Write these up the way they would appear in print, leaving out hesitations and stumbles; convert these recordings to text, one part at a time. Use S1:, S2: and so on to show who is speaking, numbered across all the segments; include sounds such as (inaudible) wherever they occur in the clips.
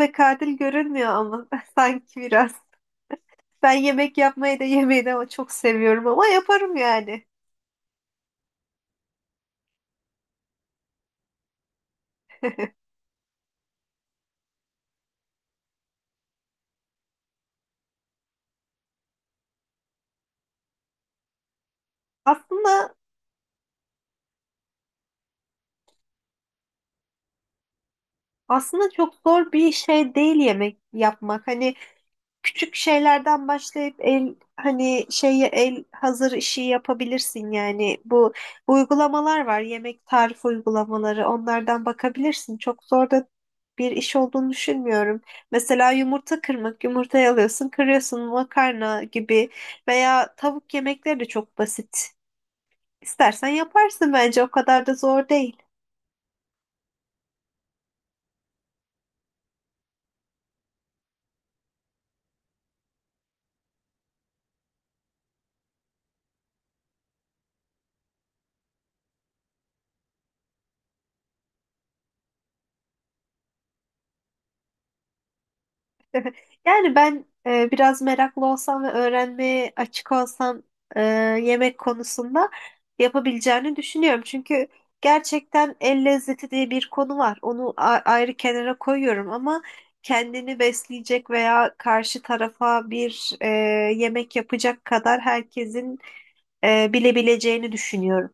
S1: Ve katil görünmüyor ama (laughs) sanki biraz. Ben yemek yapmayı da yemeyi de ama çok seviyorum ama yaparım yani. Aslında aslında çok zor bir şey değil yemek yapmak. Hani küçük şeylerden başlayıp el hani şeyi el hazır işi yapabilirsin yani bu uygulamalar var yemek tarif uygulamaları onlardan bakabilirsin çok zor da bir iş olduğunu düşünmüyorum. Mesela yumurta kırmak, yumurtayı alıyorsun, kırıyorsun makarna gibi veya tavuk yemekleri de çok basit. İstersen yaparsın bence o kadar da zor değil. Yani ben biraz meraklı olsam ve öğrenmeye açık olsam e, yemek konusunda yapabileceğini düşünüyorum. Çünkü gerçekten el lezzeti diye bir konu var. Onu ayrı kenara koyuyorum ama kendini besleyecek veya karşı tarafa bir yemek yapacak kadar herkesin bilebileceğini düşünüyorum.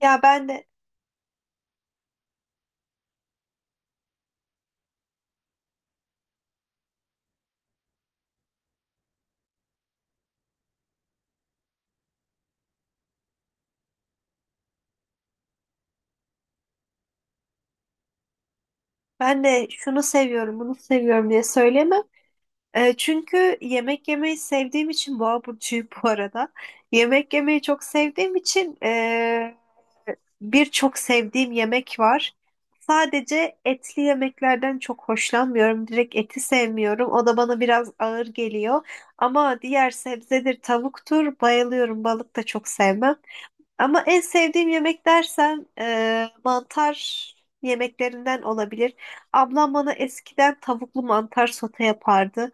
S1: Ya ben de şunu seviyorum, bunu seviyorum diye söyleyemem. E, çünkü yemek yemeyi sevdiğim için boğa burcuyum bu arada. Yemek yemeyi çok sevdiğim için birçok sevdiğim yemek var. Sadece etli yemeklerden çok hoşlanmıyorum. Direkt eti sevmiyorum. O da bana biraz ağır geliyor. Ama diğer sebzedir, tavuktur bayılıyorum. Balık da çok sevmem. Ama en sevdiğim yemek dersen mantar yemeklerinden olabilir. Ablam bana eskiden tavuklu mantar sote yapardı.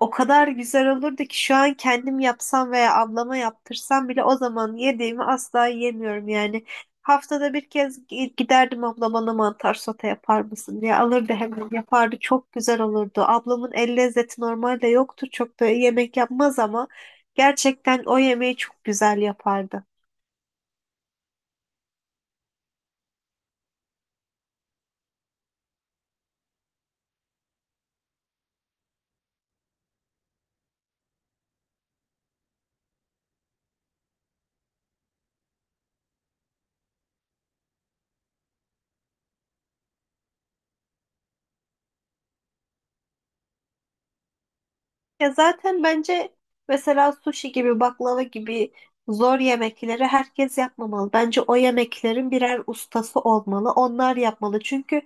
S1: O kadar güzel olurdu ki şu an kendim yapsam veya ablama yaptırsam bile o zaman yediğimi asla yiyemiyorum yani. Haftada bir kez giderdim abla bana mantar sote yapar mısın diye alırdı hemen yapardı çok güzel olurdu. Ablamın el lezzeti normalde yoktur çok da yemek yapmaz ama gerçekten o yemeği çok güzel yapardı. Ya zaten bence mesela sushi gibi baklava gibi zor yemekleri herkes yapmamalı. Bence o yemeklerin birer ustası olmalı. Onlar yapmalı. Çünkü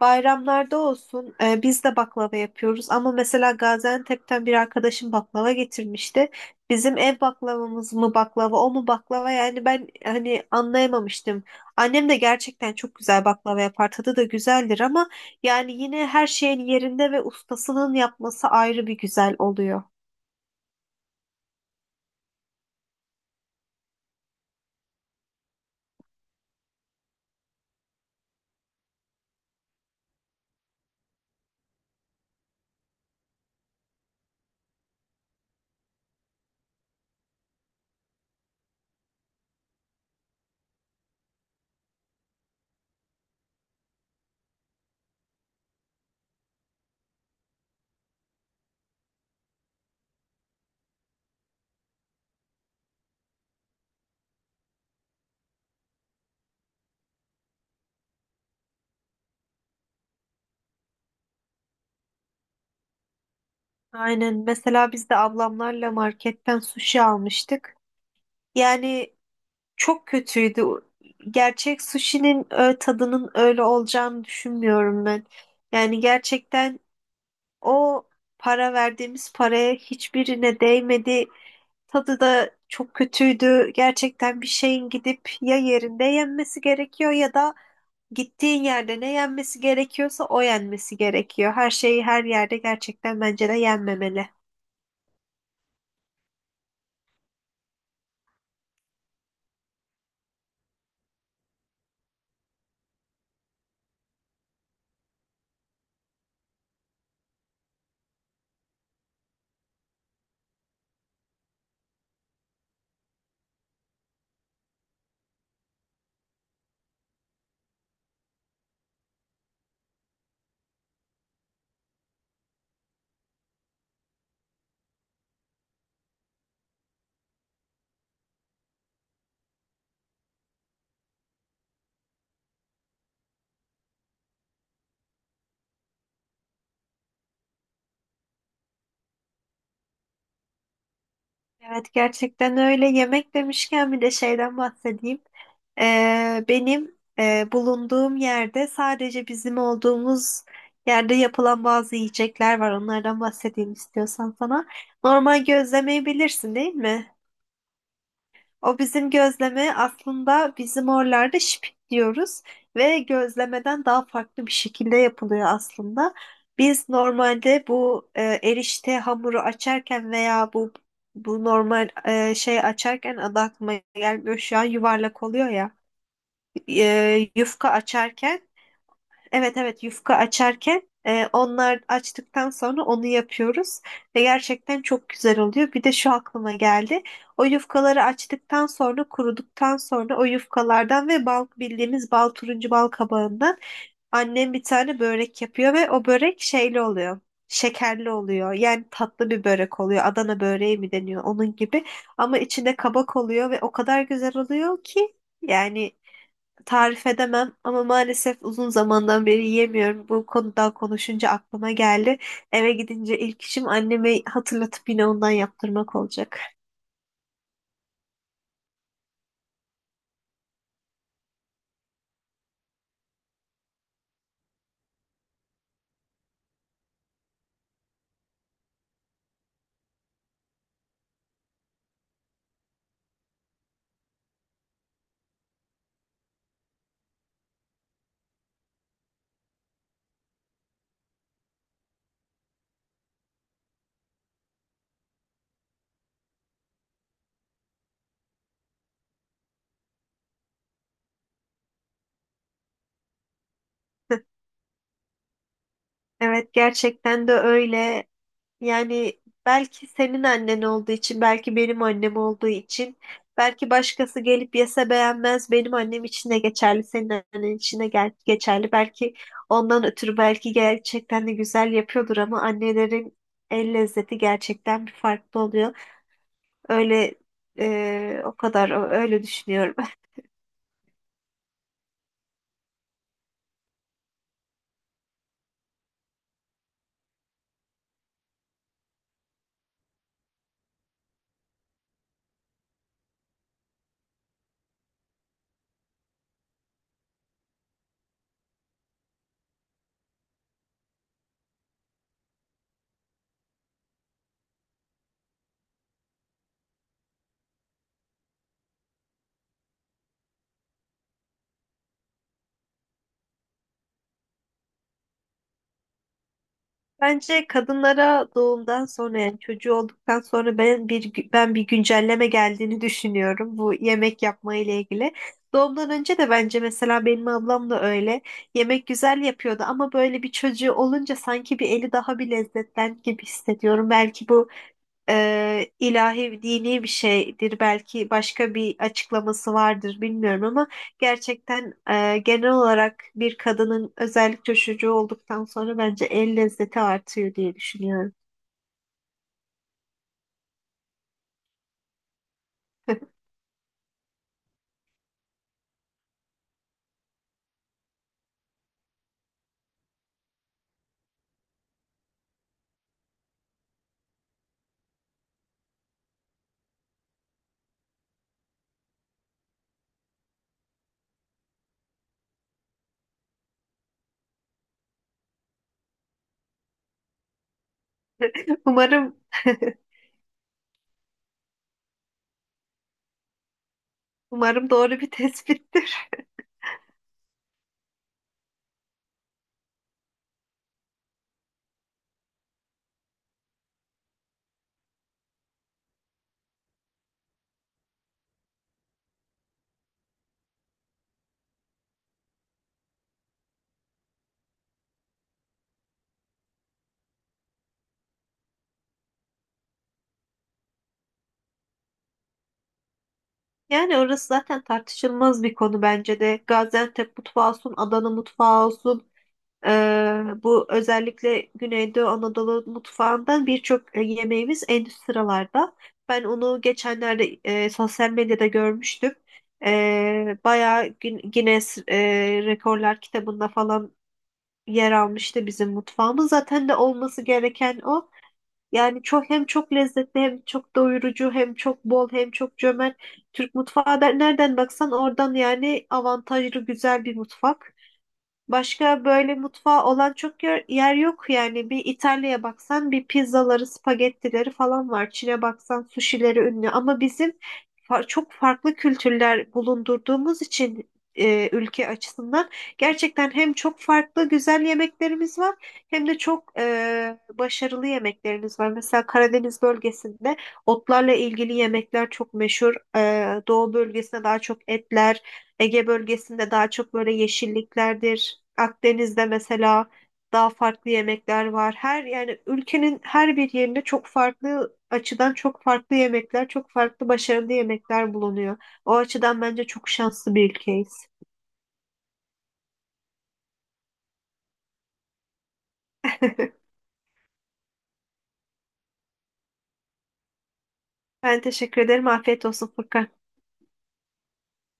S1: bayramlarda olsun biz de baklava yapıyoruz. Ama mesela Gaziantep'ten bir arkadaşım baklava getirmişti. Bizim ev baklavamız mı baklava o mu baklava yani ben hani anlayamamıştım. Annem de gerçekten çok güzel baklava yapar. Tadı da güzeldir ama yani yine her şeyin yerinde ve ustasının yapması ayrı bir güzel oluyor. Aynen. Mesela biz de ablamlarla marketten sushi almıştık. Yani çok kötüydü. Gerçek sushi'nin tadının öyle olacağını düşünmüyorum ben. Yani gerçekten o para verdiğimiz paraya hiçbirine değmedi. Tadı da çok kötüydü. Gerçekten bir şeyin gidip ya yerinde yenmesi gerekiyor ya da gittiğin yerde ne yenmesi gerekiyorsa o yenmesi gerekiyor. Her şeyi her yerde gerçekten bence de yenmemeli. Evet gerçekten öyle. Yemek demişken bir de şeyden bahsedeyim. Benim bulunduğum yerde sadece bizim olduğumuz yerde yapılan bazı yiyecekler var. Onlardan bahsedeyim istiyorsan sana. Normal gözlemeyi bilirsin değil mi? O bizim gözleme aslında bizim oralarda şipik diyoruz ve gözlemeden daha farklı bir şekilde yapılıyor aslında. Biz normalde bu erişte hamuru açarken veya bu normal şey açarken adı aklıma gelmiyor şu an yuvarlak oluyor ya yufka açarken. Evet, yufka açarken onlar açtıktan sonra onu yapıyoruz ve gerçekten çok güzel oluyor. Bir de şu aklıma geldi. O yufkaları açtıktan sonra kuruduktan sonra o yufkalardan ve bal bildiğimiz bal turuncu bal kabağından annem bir tane börek yapıyor ve o börek şeyli oluyor. Şekerli oluyor. Yani tatlı bir börek oluyor. Adana böreği mi deniyor onun gibi. Ama içinde kabak oluyor ve o kadar güzel oluyor ki yani tarif edemem ama maalesef uzun zamandan beri yiyemiyorum. Bu konuda konuşunca aklıma geldi. Eve gidince ilk işim anneme hatırlatıp yine ondan yaptırmak olacak. (laughs) Evet gerçekten de öyle. Yani belki senin annen olduğu için, belki benim annem olduğu için, belki başkası gelip yese beğenmez. Benim annem için de geçerli, senin annen için de geçerli. Belki ondan ötürü belki gerçekten de güzel yapıyordur ama annelerin el lezzeti gerçekten bir farklı oluyor. Öyle o kadar öyle düşünüyorum. (laughs) Bence kadınlara doğumdan sonra yani çocuğu olduktan sonra ben bir güncelleme geldiğini (laughs) düşünüyorum bu yemek yapma ile ilgili. Doğumdan önce de bence mesela benim ablam da öyle yemek güzel yapıyordu ama böyle bir çocuğu olunca sanki bir eli daha bir lezzetlen gibi hissediyorum. Belki bu ilahi dini bir şeydir belki başka bir açıklaması vardır bilmiyorum ama gerçekten genel olarak bir kadının özellikle çocuğu olduktan sonra bence el lezzeti artıyor diye düşünüyorum. (laughs) Umarım umarım doğru bir tespittir. (laughs) Yani orası zaten tartışılmaz bir konu bence de. Gaziantep mutfağı olsun, Adana mutfağı olsun. Bu özellikle Güneydoğu Anadolu mutfağından birçok yemeğimiz en üst sıralarda. Ben onu geçenlerde sosyal medyada görmüştüm. Bayağı Guinness Rekorlar kitabında falan yer almıştı bizim mutfağımız. Zaten de olması gereken o. Yani çok hem çok lezzetli hem çok doyurucu hem çok bol hem çok cömert. Türk mutfağı da nereden baksan oradan yani avantajlı güzel bir mutfak. Başka böyle mutfağı olan çok yer yok yani. Bir İtalya'ya baksan bir pizzaları, spagettileri falan var. Çin'e baksan sushileri ünlü. Ama bizim çok farklı kültürler bulundurduğumuz için ülke açısından gerçekten hem çok farklı güzel yemeklerimiz var hem de çok başarılı yemeklerimiz var. Mesela Karadeniz bölgesinde otlarla ilgili yemekler çok meşhur. E, Doğu bölgesinde daha çok etler. Ege bölgesinde daha çok böyle yeşilliklerdir. Akdeniz'de mesela daha farklı yemekler var. Her yani ülkenin her bir yerinde çok farklı açıdan çok farklı yemekler, çok farklı başarılı yemekler bulunuyor. O açıdan bence çok şanslı bir ülkeyiz. (laughs) Ben teşekkür ederim. Afiyet olsun Furkan.